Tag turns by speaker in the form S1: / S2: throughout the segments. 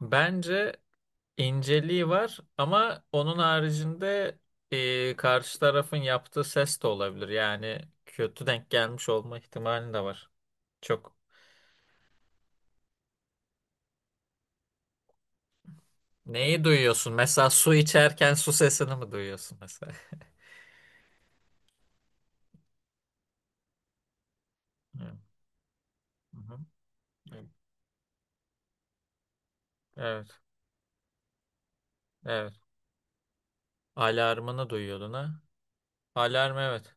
S1: Bence inceliği var ama onun haricinde karşı tarafın yaptığı ses de olabilir. Yani kötü denk gelmiş olma ihtimali de var. Çok neyi duyuyorsun? Mesela su içerken su sesini mi duyuyorsun mesela? Evet. Hı hı. Evet. Evet. Alarmını duyuyordun ha? Alarm evet.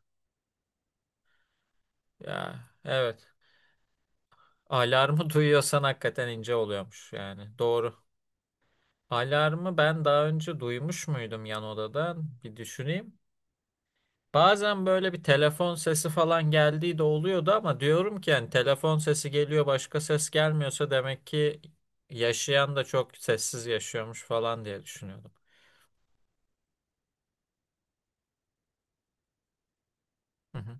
S1: Ya evet. Alarmı duyuyorsan hakikaten ince oluyormuş yani. Doğru. Alarmı ben daha önce duymuş muydum yan odadan? Bir düşüneyim. Bazen böyle bir telefon sesi falan geldiği de oluyordu ama diyorum ki yani telefon sesi geliyor başka ses gelmiyorsa demek ki yaşayan da çok sessiz yaşıyormuş falan diye düşünüyordum. Hı hı.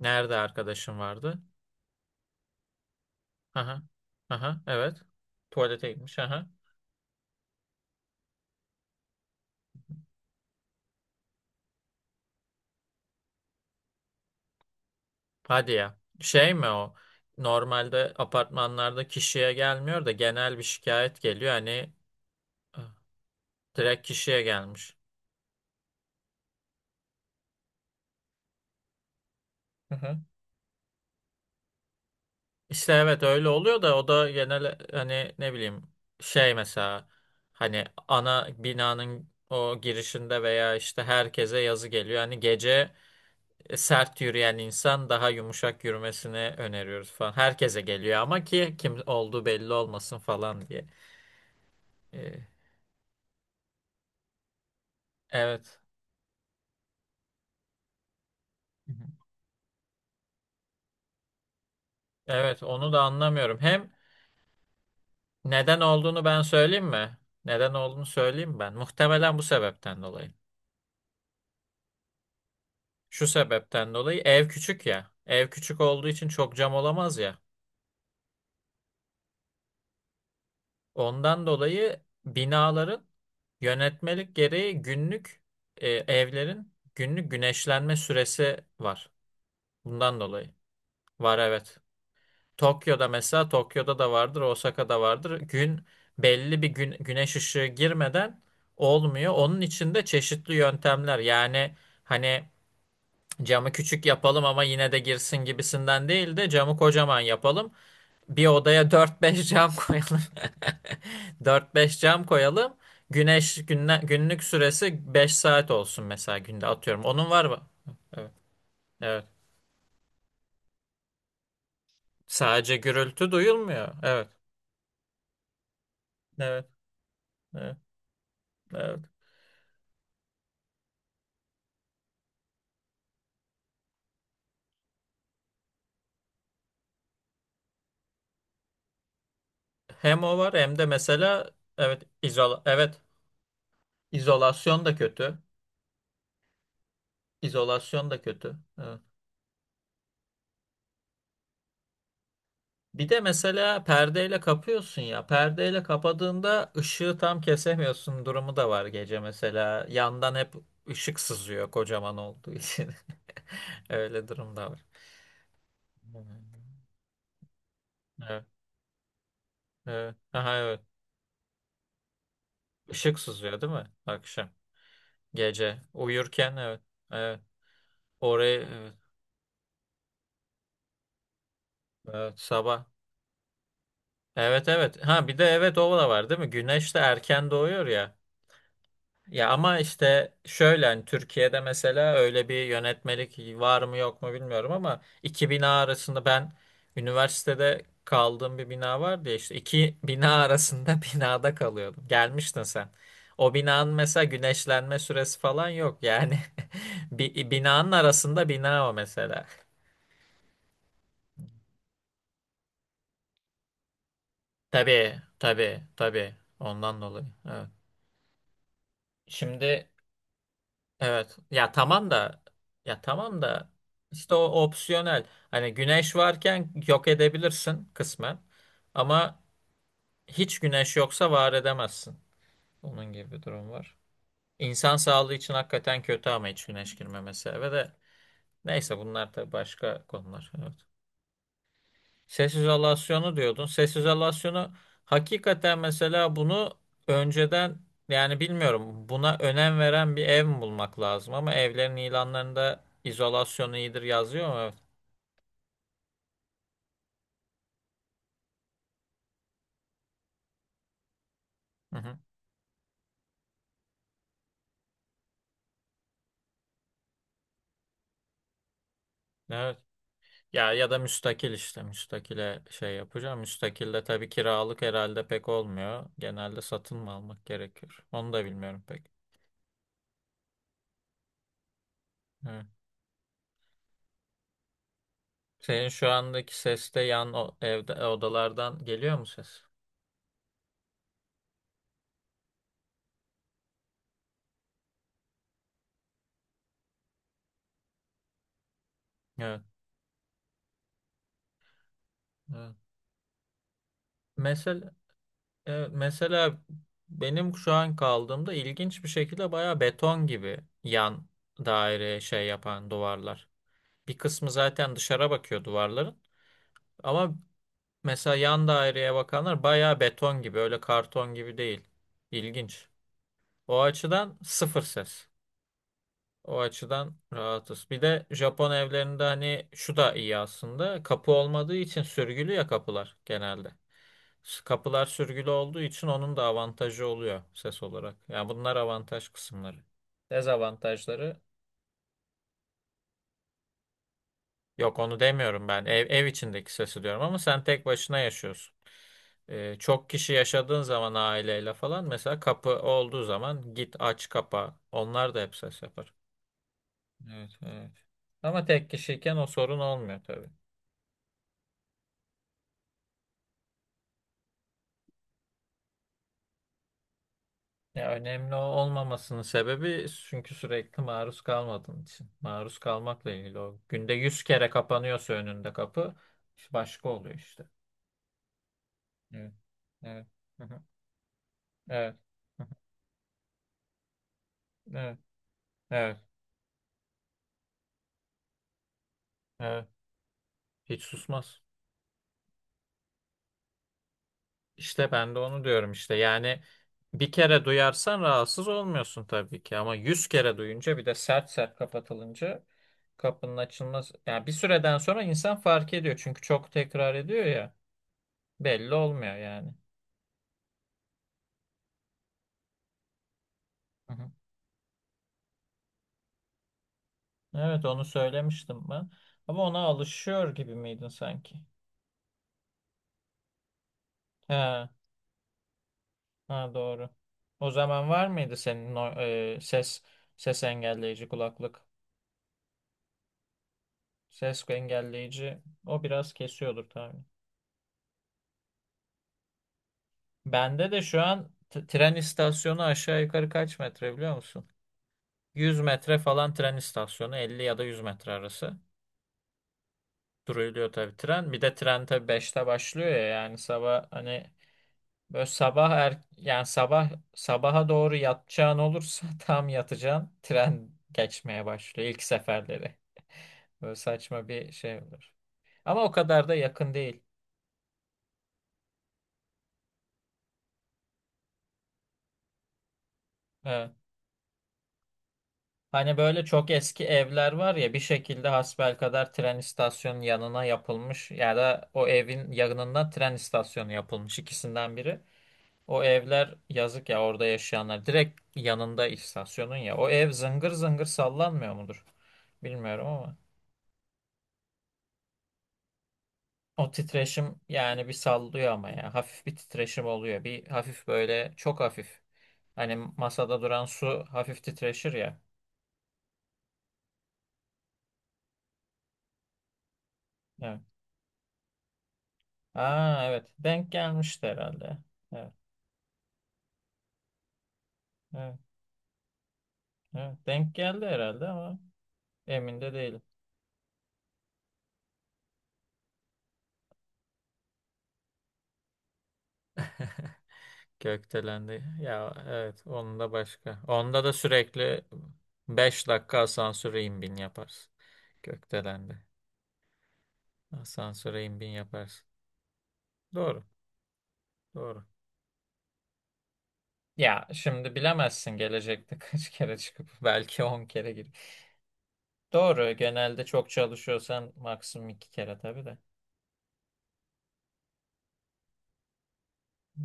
S1: Nerede arkadaşım vardı? Aha. Aha, evet. Tuvalete gitmiş. Aha. Hadi ya. Şey mi o? Normalde apartmanlarda kişiye gelmiyor da genel bir şikayet geliyor. Hani eh, direkt kişiye gelmiş. İşte evet öyle oluyor da o da genel hani ne bileyim şey mesela hani ana binanın o girişinde veya işte herkese yazı geliyor. Hani gece sert yürüyen insan daha yumuşak yürümesini öneriyoruz falan. Herkese geliyor ama ki kim olduğu belli olmasın falan diye. Ee, evet. Hı hı. Evet onu da anlamıyorum. Hem neden olduğunu ben söyleyeyim mi? Neden olduğunu söyleyeyim ben. Muhtemelen bu sebepten dolayı. Şu sebepten dolayı ev küçük ya. Ev küçük olduğu için çok cam olamaz ya. Ondan dolayı binaların yönetmelik gereği günlük evlerin günlük güneşlenme süresi var. Bundan dolayı. Var evet. Tokyo'da mesela Tokyo'da da vardır, Osaka'da vardır. Gün belli bir gün, güneş ışığı girmeden olmuyor. Onun için de çeşitli yöntemler. Yani hani camı küçük yapalım ama yine de girsin gibisinden değil de camı kocaman yapalım. Bir odaya dört beş cam koyalım. Dört beş cam koyalım. Güneş günlük süresi 5 saat olsun mesela günde atıyorum. Onun var mı? Evet. Evet. Sadece gürültü duyulmuyor. Evet. Evet. Evet. Evet. Hem o var hem de mesela evet evet izolasyon da kötü. İzolasyon da kötü. Evet. Bir de mesela perdeyle kapıyorsun ya. Perdeyle kapadığında ışığı tam kesemiyorsun durumu da var gece mesela. Yandan hep ışık sızıyor kocaman olduğu için. Öyle durum da var. Evet, evet. Aha, evet. Işık sızıyor değil mi? Akşam. Gece. Uyurken evet. Evet. Orayı evet. Evet, sabah. Evet evet. Ha bir de evet o da var değil mi? Güneş de erken doğuyor ya. Ya ama işte şöyle hani Türkiye'de mesela öyle bir yönetmelik var mı yok mu bilmiyorum ama iki bina arasında ben üniversitede kaldığım bir bina vardı ya işte iki bina arasında binada kalıyordum. Gelmiştin sen. O binanın mesela güneşlenme süresi falan yok yani. Bir binanın arasında bina o mesela. Tabii tabii tabii ondan dolayı. Evet. Şimdi. Evet. Ya tamam da ya tamam da işte o opsiyonel. Hani güneş varken yok edebilirsin kısmen. Ama hiç güneş yoksa var edemezsin. Onun gibi bir durum var. İnsan sağlığı için hakikaten kötü ama hiç güneş girmemesi eve de. Neyse bunlar da başka konular. Evet. Ses izolasyonu diyordun. Ses izolasyonu hakikaten mesela bunu önceden yani bilmiyorum buna önem veren bir ev mi bulmak lazım ama evlerin ilanlarında izolasyon iyidir yazıyor mu? Evet. Hı hı. Evet. Ya ya da müstakil işte müstakile şey yapacağım. Müstakilde tabii kiralık herhalde pek olmuyor. Genelde satın mı almak gerekiyor? Onu da bilmiyorum pek. Evet. Senin şu andaki ses de evde odalardan geliyor mu ses? Evet. Evet. Mesela Evet, mesela benim şu an kaldığımda ilginç bir şekilde bayağı beton gibi yan daire şey yapan duvarlar. Bir kısmı zaten dışarı bakıyor duvarların ama mesela yan daireye bakanlar bayağı beton gibi öyle karton gibi değil. İlginç. O açıdan sıfır ses. O açıdan rahatız. Bir de Japon evlerinde hani şu da iyi aslında. Kapı olmadığı için sürgülü ya kapılar genelde. Kapılar sürgülü olduğu için onun da avantajı oluyor ses olarak. Yani bunlar avantaj kısımları. Dezavantajları yok onu demiyorum ben. Ev içindeki sesi diyorum ama sen tek başına yaşıyorsun. Çok kişi yaşadığın zaman aileyle falan mesela kapı olduğu zaman git aç kapa. Onlar da hep ses yapar. Evet, evet. Ama tek kişiyken o sorun olmuyor tabii. Ya önemli olmamasının sebebi çünkü sürekli maruz kalmadığın için. Maruz kalmakla ilgili o. Günde 100 kere kapanıyorsa önünde kapı işte başka oluyor işte. Evet. Evet. Hı hı. Evet. Hı hı. Evet. Evet. Evet. Hiç susmaz. İşte ben de onu diyorum işte. Yani bir kere duyarsan rahatsız olmuyorsun tabii ki ama 100 kere duyunca bir de sert sert kapatılınca kapının açılmaz. Yani bir süreden sonra insan fark ediyor çünkü çok tekrar ediyor ya belli olmuyor yani. Hı hı. Evet onu söylemiştim ben. Ama ona alışıyor gibi miydin sanki? He, ha doğru. O zaman var mıydı senin o, ses engelleyici kulaklık? Ses engelleyici o biraz kesiyordur tabii. Bende de şu an tren istasyonu aşağı yukarı kaç metre biliyor musun? 100 metre falan tren istasyonu 50 ya da 100 metre arası. Duruluyor tabii tren. Bir de tren tabii 5'te başlıyor ya yani sabah hani böyle sabah yani sabah sabaha doğru yatacağın olursa tam yatacağın tren geçmeye başlıyor ilk seferleri. Böyle saçma bir şey olur. Ama o kadar da yakın değil. Evet. Hani böyle çok eski evler var ya bir şekilde hasbelkader tren istasyonunun yanına yapılmış ya da o evin yanından tren istasyonu yapılmış ikisinden biri. O evler yazık ya orada yaşayanlar direkt yanında istasyonun ya o ev zıngır zıngır sallanmıyor mudur? Bilmiyorum ama o titreşim yani bir sallıyor ama ya hafif bir titreşim oluyor bir hafif böyle çok hafif. Hani masada duran su hafif titreşir ya. Evet. Aa evet denk gelmişti herhalde. Evet. Evet. Evet, denk geldi herhalde ama emin de değilim. Gökdelendi. Ya evet onun da başka. Onda da sürekli 5 dakika asansöre in bin yaparsın. Gökdelendi. Asansöre in bin yaparsın. Doğru. Doğru. Ya şimdi bilemezsin gelecekte kaç kere çıkıp belki 10 kere girip. Doğru genelde çok çalışıyorsan maksimum 2 kere tabii de.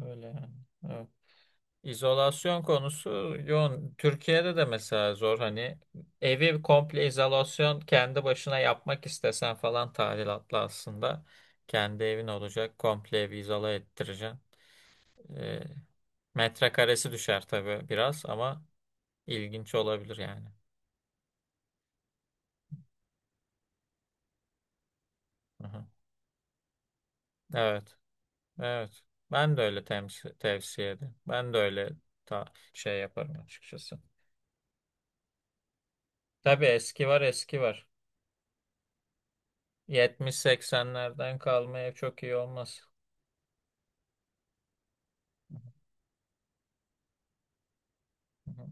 S1: Öyle yani. İzolasyon konusu yoğun. Türkiye'de de mesela zor hani evi komple izolasyon kendi başına yapmak istesen falan tadilatlı aslında. Kendi evin olacak komple evi izole ettireceksin. Ee, metrekaresi düşer tabii biraz ama ilginç olabilir yani. Hı-hı. Evet. Evet. Ben de öyle tavsiye ederim. Ben de öyle ta şey yaparım açıkçası. Tabii eski var eski var. 70-80'lerden kalmaya çok iyi olmaz. Hı hı.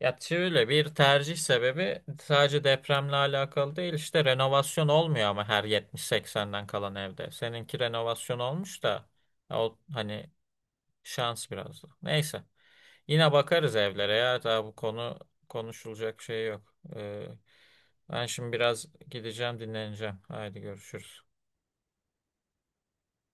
S1: Ya şöyle bir tercih sebebi sadece depremle alakalı değil işte renovasyon olmuyor ama her 70 seksenden kalan evde. Seninki renovasyon olmuş da ya o hani şans biraz da. Neyse yine bakarız evlere ya daha bu konu konuşulacak şey yok. Ben şimdi biraz gideceğim dinleneceğim. Haydi görüşürüz.